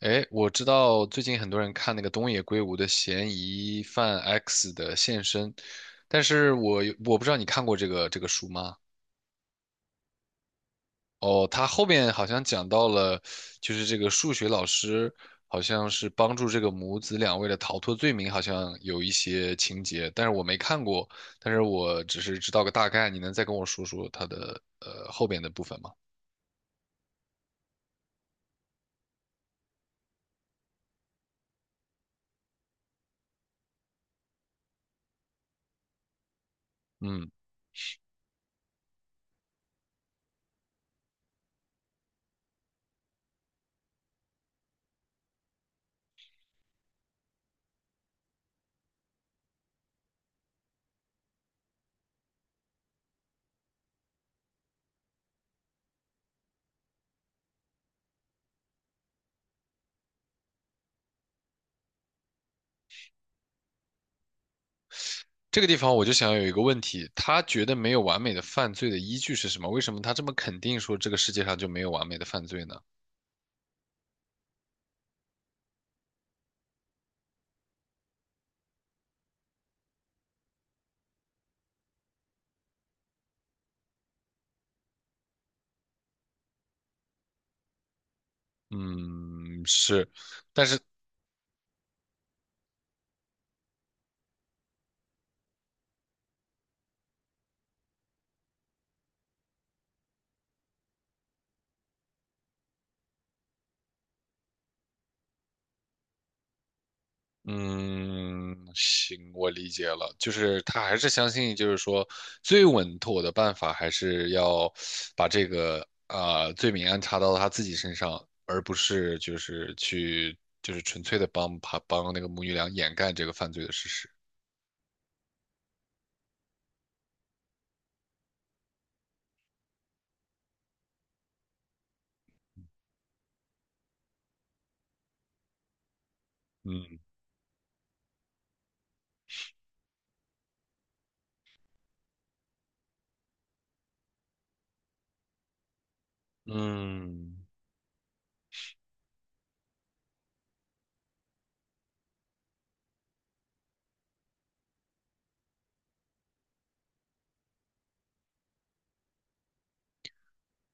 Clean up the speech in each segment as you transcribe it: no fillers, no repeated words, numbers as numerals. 哎，我知道最近很多人看那个东野圭吾的《嫌疑犯 X 的现身》，但是我不知道你看过这个书吗？哦，他后面好像讲到了，就是这个数学老师好像是帮助这个母子两位的逃脱罪名，好像有一些情节，但是我没看过，但是我只是知道个大概，你能再跟我说说他的后边的部分吗？嗯。这个地方我就想有一个问题，他觉得没有完美的犯罪的依据是什么？为什么他这么肯定说这个世界上就没有完美的犯罪呢？嗯，是，但是，嗯，行，我理解了，就是他还是相信，就是说最稳妥的办法还是要把这个啊罪名安插到他自己身上，而不是就是去就是纯粹的帮他帮那个母女俩掩盖这个犯罪的事实。嗯嗯。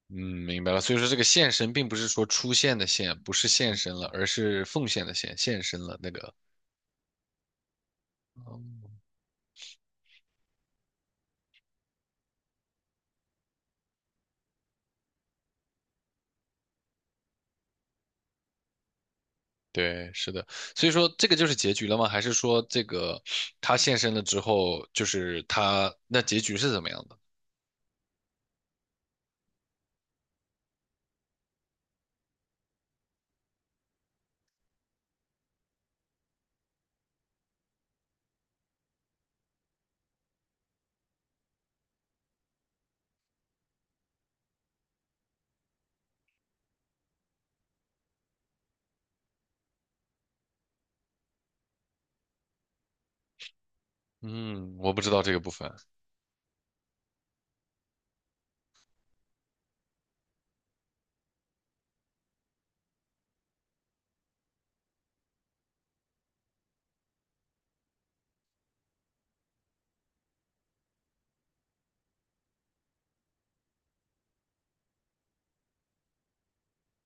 嗯，明白了。所以说，这个献身并不是说出现的献，不是献身了，而是奉献的献，献身了那个。嗯对，是的。所以说，这个就是结局了吗？还是说这个他献身了之后，就是他那结局是怎么样的？嗯，我不知道这个部分。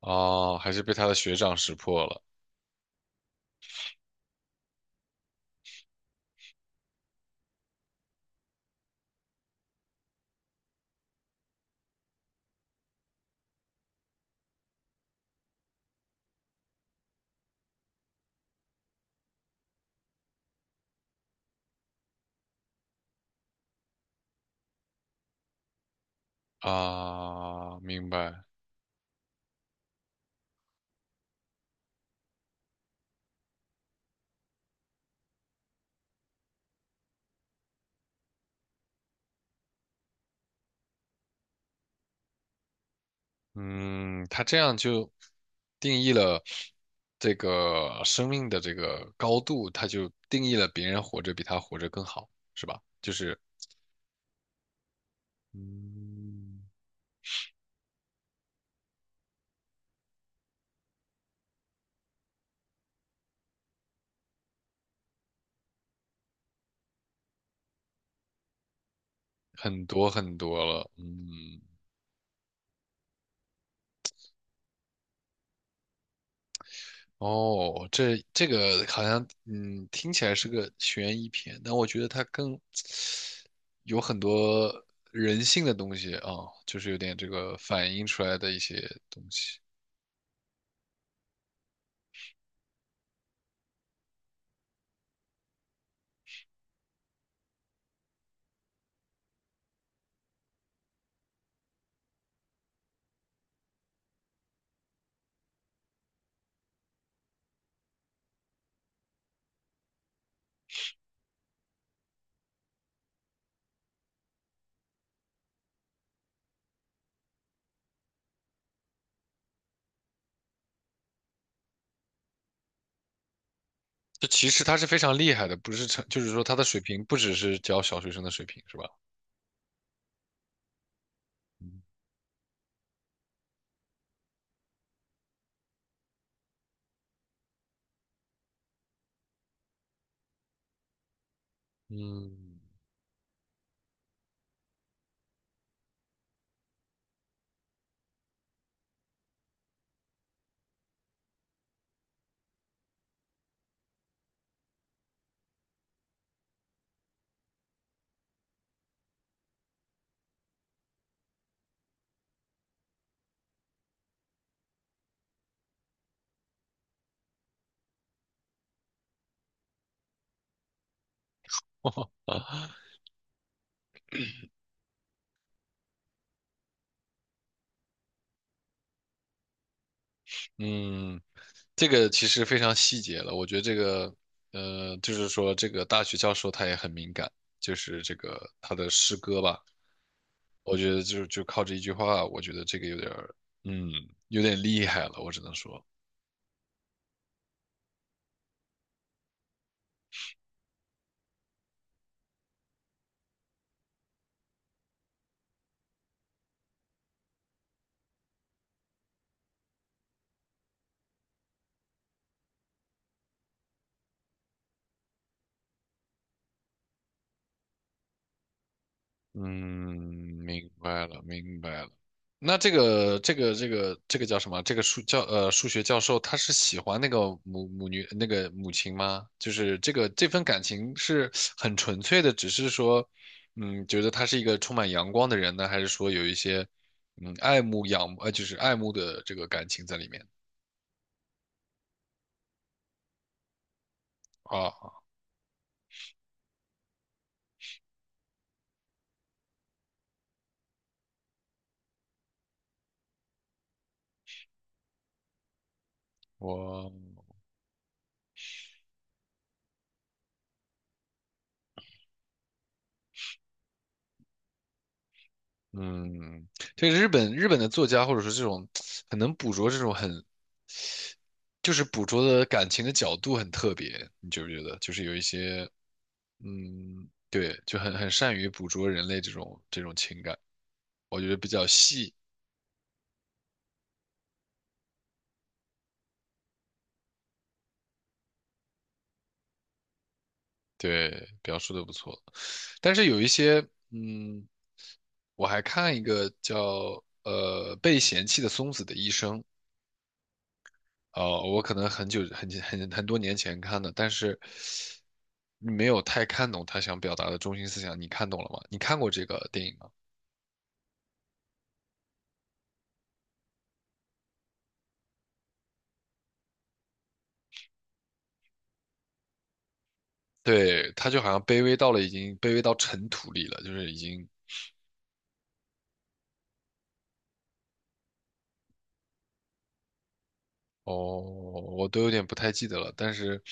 哦，还是被他的学长识破了啊，明白。嗯，他这样就定义了这个生命的这个高度，他就定义了别人活着比他活着更好，是吧？就是，嗯，很多很多了，嗯，哦，这这个好像，嗯，听起来是个悬疑片，但我觉得它更有很多人性的东西啊，就是有点这个反映出来的一些东西。这其实他是非常厉害的，不是成，就是说他的水平不只是教小学生的水平，是吧？嗯嗯，嗯，这个其实非常细节了。我觉得这个，就是说这个大学教授他也很敏感，就是这个他的诗歌吧，我觉得就靠这一句话，我觉得这个有点儿，嗯，有点厉害了，我只能说。嗯，明白了，明白了。那这个叫什么？这个数学教授他是喜欢那个母女那个母亲吗？就是这个这份感情是很纯粹的，只是说，嗯，觉得他是一个充满阳光的人呢，还是说有一些爱慕仰呃就是爱慕的这个感情在里面啊？我嗯，这个日本的作家或者说这种很能捕捉这种很就是捕捉的感情的角度很特别，你觉不觉得？就是有一些，嗯，对，就很善于捕捉人类这种情感，我觉得比较细，对，表述的不错。但是有一些，嗯，我还看一个叫被嫌弃的松子的医生，哦、我可能很久很很很多年前看的，但是没有太看懂他想表达的中心思想。你看懂了吗？你看过这个电影吗？对，他就好像卑微到了已经卑微到尘土里了，就是已经哦，我都有点不太记得了，但是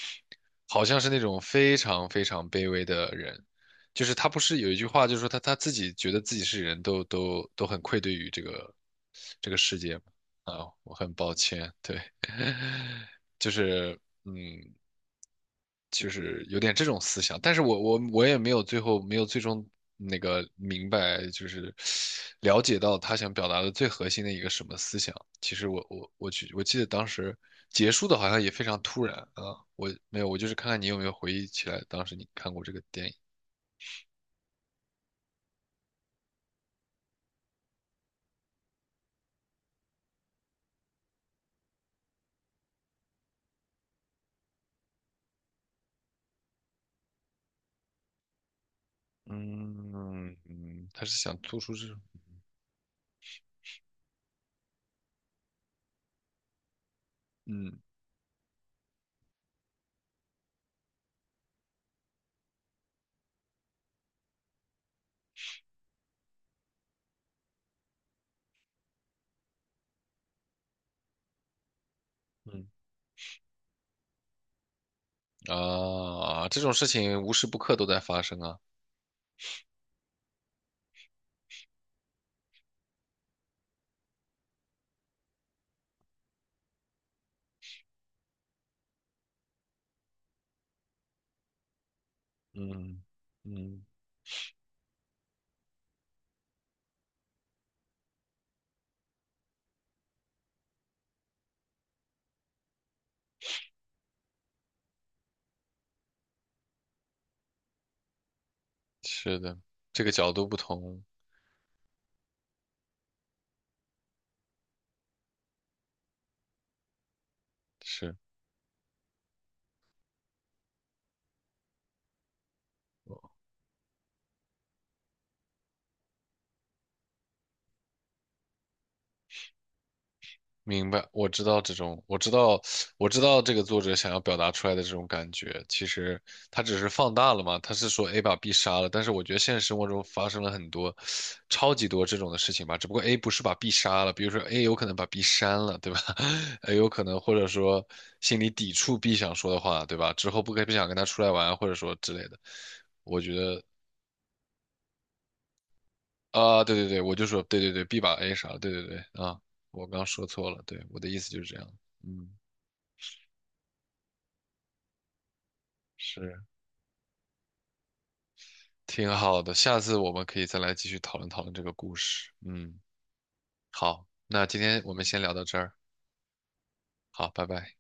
好像是那种非常非常卑微的人，就是他不是有一句话，就是说他自己觉得自己是人都很愧对于这个这个世界嘛，啊，我很抱歉，对，就是。嗯，就是有点这种思想，但是我也没有最后没有最终那个明白，就是了解到他想表达的最核心的一个什么思想。其实我我我去记得当时结束的好像也非常突然啊，我没有，我就是看看你有没有回忆起来当时你看过这个电影。嗯嗯，他是想做出这种嗯嗯啊这种事情无时不刻都在发生啊。嗯嗯。是的，这个角度不同，是，明白，我知道这种，我知道，我知道这个作者想要表达出来的这种感觉，其实他只是放大了嘛，他是说 A 把 B 杀了，但是我觉得现实生活中发生了很多，超级多这种的事情吧，只不过 A 不是把 B 杀了，比如说 A 有可能把 B 删了，对吧 ？A 有可能或者说心里抵触 B 想说的话，对吧？之后不想跟他出来玩，或者说之类的，我觉得。啊，对对对，我就说对对对，B 把 A 啥，对对对啊，我刚说错了，对，我的意思就是这样，嗯，是挺好的，下次我们可以再来继续讨论讨论这个故事，嗯，好，那今天我们先聊到这儿，好，拜拜。